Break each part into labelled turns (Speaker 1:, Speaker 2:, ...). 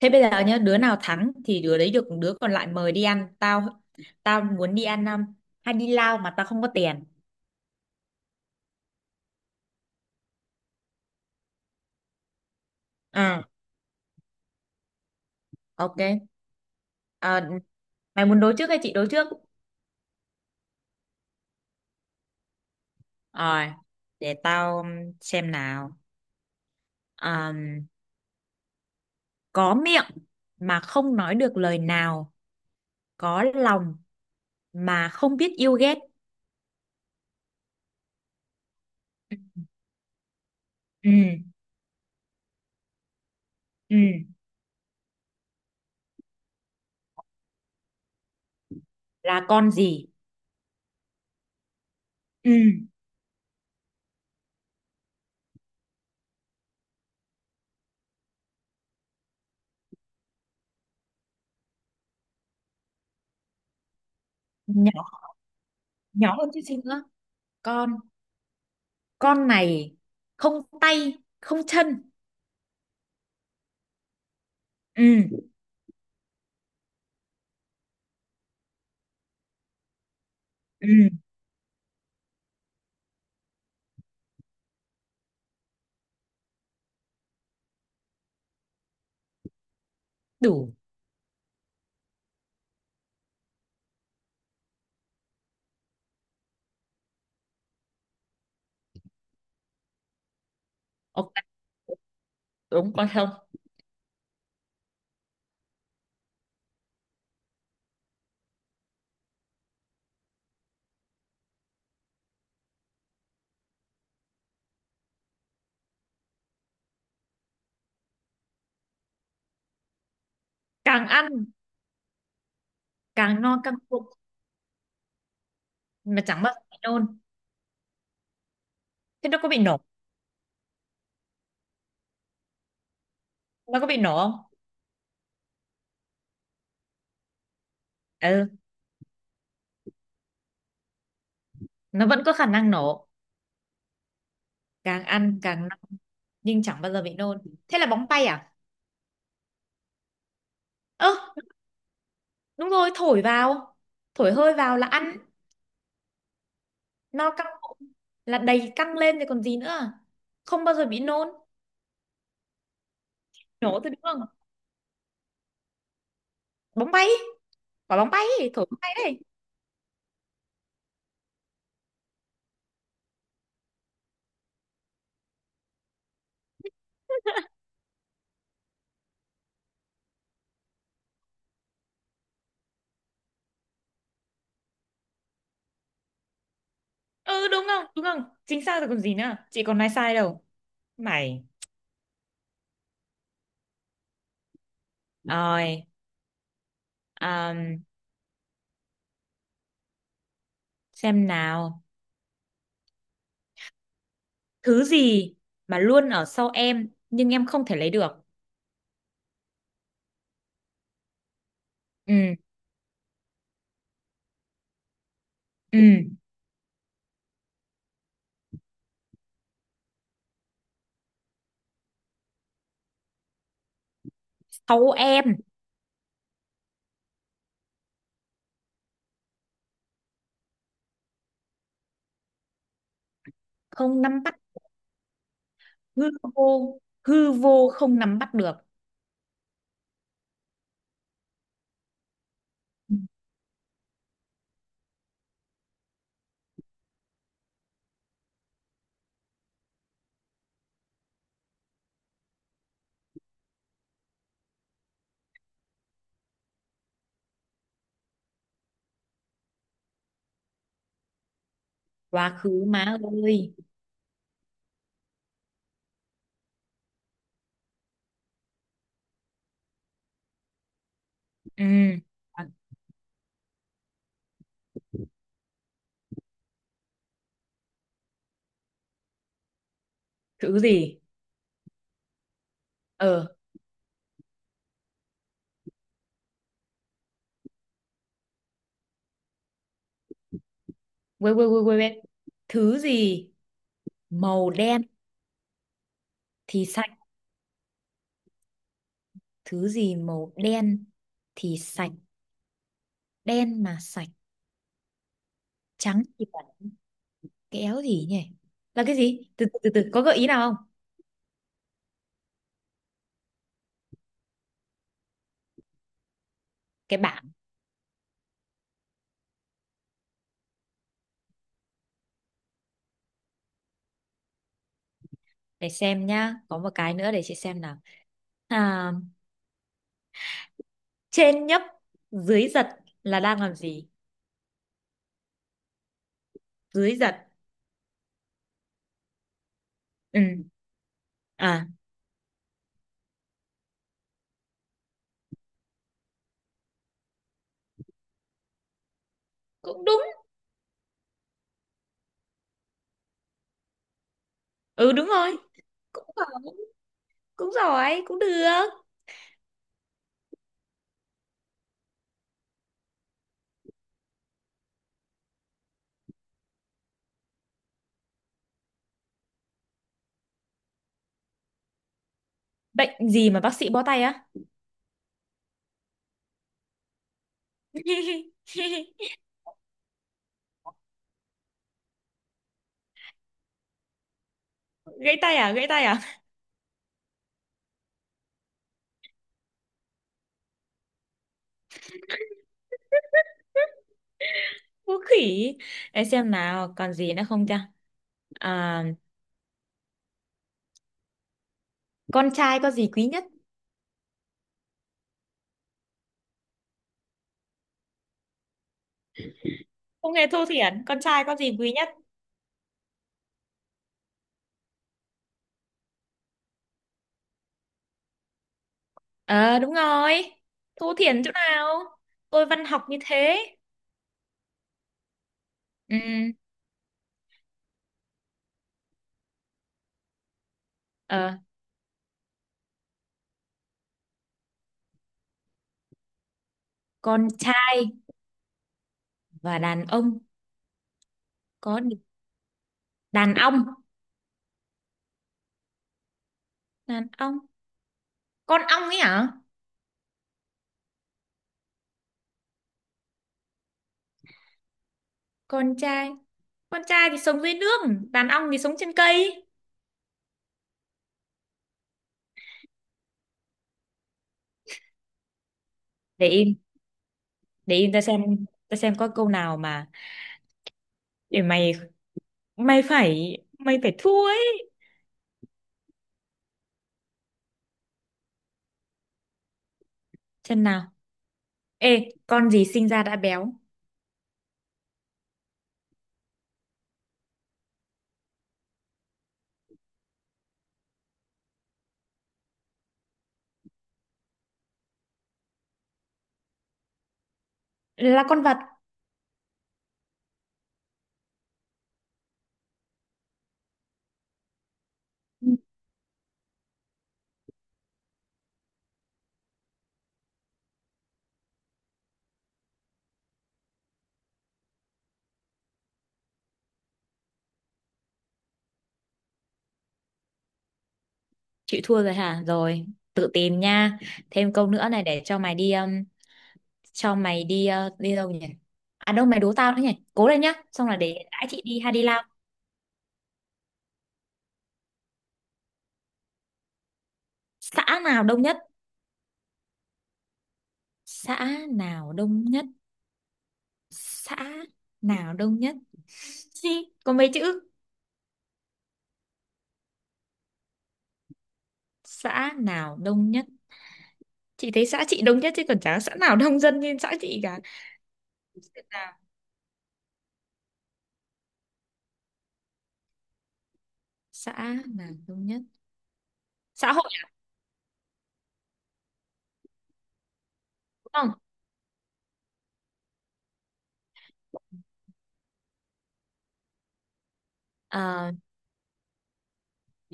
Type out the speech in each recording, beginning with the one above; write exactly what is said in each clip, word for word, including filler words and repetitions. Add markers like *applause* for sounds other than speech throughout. Speaker 1: Thế bây giờ nhá, đứa nào thắng thì đứa đấy được đứa còn lại mời đi ăn. Tao tao muốn đi ăn um, hay đi lao mà tao không có tiền. À, ok. Ờ, mày muốn đối trước hay chị đối trước? Rồi, để tao um, xem nào. Ờm, có miệng mà không nói được lời nào, có lòng mà không biết yêu ghét. Ừ, ừ, là con gì? Ừ, nhỏ nhỏ hơn chút xíu nữa. Con con này không tay không chân. Ừ, ừ, đủ, ok, đúng con không. Càng ăn càng no căng bụng mà chẳng bao giờ bị nôn. Thế nó có bị nổ, nó có bị nổ không? Ừ, nó vẫn có khả năng nổ. Càng ăn càng no nhưng chẳng bao giờ bị nôn. Thế là bóng bay à? Ơ, đúng rồi, thổi vào, thổi hơi vào là ăn, no căng bụng là đầy căng lên thì còn gì nữa, không bao giờ bị nôn, nổ thôi đúng không? Bóng bay, quả bóng bay, thổi bóng bay đấy. *laughs* Ừ, đúng không? Đúng không? Chính xác rồi còn gì nữa, chị còn nói sai đâu. Mày rồi. um, xem nào. Thứ gì mà luôn ở sau em nhưng em không thể lấy được? Ừ, ừ, sau em, không nắm bắt, hư vô, hư vô không nắm bắt được. Ừ. Quá khứ má ơi. Ừ. Quá- Thứ gì? Ờ, quên quên quên quên quên. Thứ gì màu đen thì sạch? Thứ gì màu đen thì sạch, đen mà sạch, trắng thì bẩn, kéo gì nhỉ, là cái gì? Từ từ từ, từ. Có gợi ý nào không? Cái bảng. Để xem nhá, có một cái nữa để chị xem nào. À, trên nhấp dưới giật là đang làm gì? Dưới giật. Ừ. À, cũng đúng. Ừ, đúng rồi. Cũng giỏi, cũng giỏi cũng được. Bệnh gì mà bác sĩ bó tay á? *laughs* Gãy tay à? Gãy tay à? *laughs* Vũ khỉ. Để xem nào, còn gì nữa không ta? À, con trai có gì quý nhất? Không nghe thua thiển, con trai có gì quý nhất? Ờ, đúng rồi. Thua thiển chỗ nào? Tôi văn học như thế. Ừ, ờ, con trai và đàn ông có đi- đàn ông, đàn ông. Con ong ấy hả? Con trai, con trai thì sống dưới nước, đàn ong thì sống trên cây. Để im, để im ta xem, ta xem có câu nào mà để mày, mày phải mày phải thua ấy. Xem nào. Ê, con gì sinh ra đã béo? Là con vật. Ừ, chịu thua rồi hả? Rồi tự tìm nha. Thêm câu nữa này để cho mày đi um, cho mày đi uh, đi đâu nhỉ, à đâu mày đố tao nữa nhỉ, cố lên nhá, xong là để đãi chị đi hay đi lao. Xã nào đông nhất? Xã nào đông nhất? Xã nào đông nhất? Gì, có mấy chữ? Xã nào đông nhất? Chị thấy xã chị đông nhất chứ còn chả có xã nào đông dân như xã chị cả. Xã nào, xã nào đông nhất? Xã hội. Đúng không? Ờ,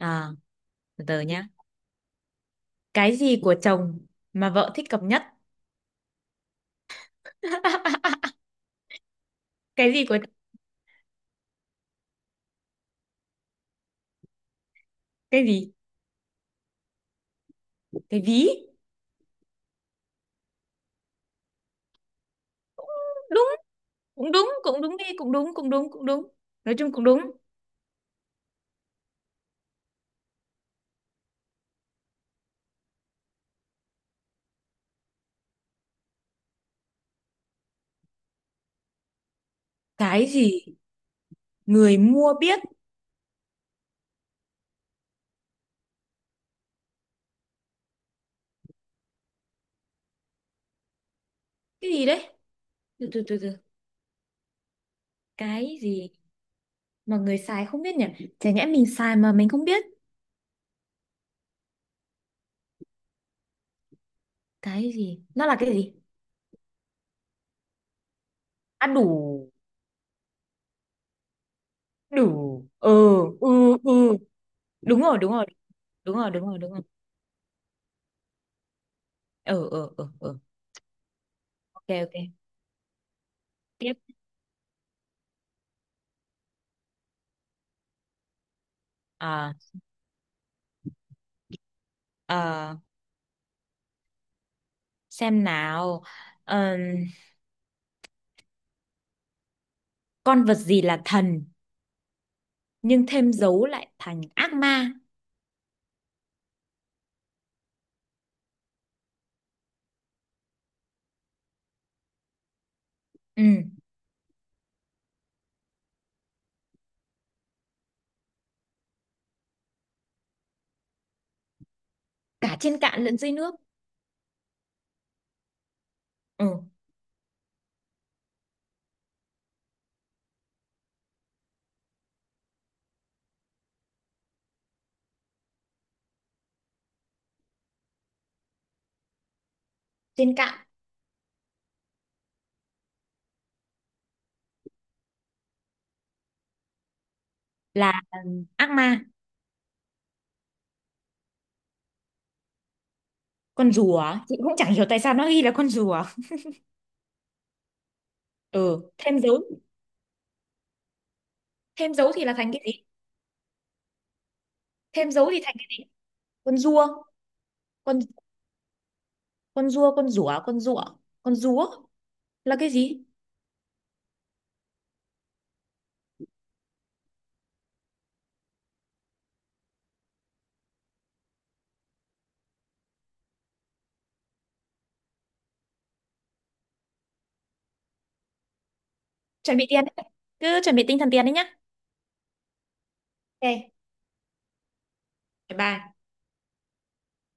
Speaker 1: à, từ từ nhá. Cái gì của chồng mà vợ thích cọc nhất? *laughs* Cái gì của cái gì? Cái ví. Đúng, cũng đúng, cũng đúng đi, cũng đúng, cũng đúng, cũng đúng. Nói chung cũng đúng. Cái gì người mua biết? Cái gì đấy? Từ từ từ từ. Cái gì mà người xài không biết nhỉ? Chả nhẽ mình xài mà mình không biết. Cái gì? Nó là cái gì? À đủ, đủ. Ừ, ừ, ừ. Đúng rồi, đúng rồi, đúng rồi, đúng rồi, đúng rồi. Ừ, ừ, ừ, ừ. Ok, ok. Tiếp. À, à, xem nào, ờ, con vật gì là thần nhưng thêm dấu lại thành ác ma. Ừ, cả trên cạn lẫn dưới nước. Ừ, trên cạn là ừ, ác ma. Con rùa, á, chị cũng chẳng hiểu tại sao nó ghi là con rùa. *laughs* Ừ, thêm dấu, thêm dấu thì là thành cái gì? Thêm dấu thì thành cái con rùa, con con rùa, con rùa, con rùa, con rùa là cái gì? Chuẩn bị tiền đấy. Cứ chuẩn bị tinh thần tiền đấy nhá. Ok, bye. Bye.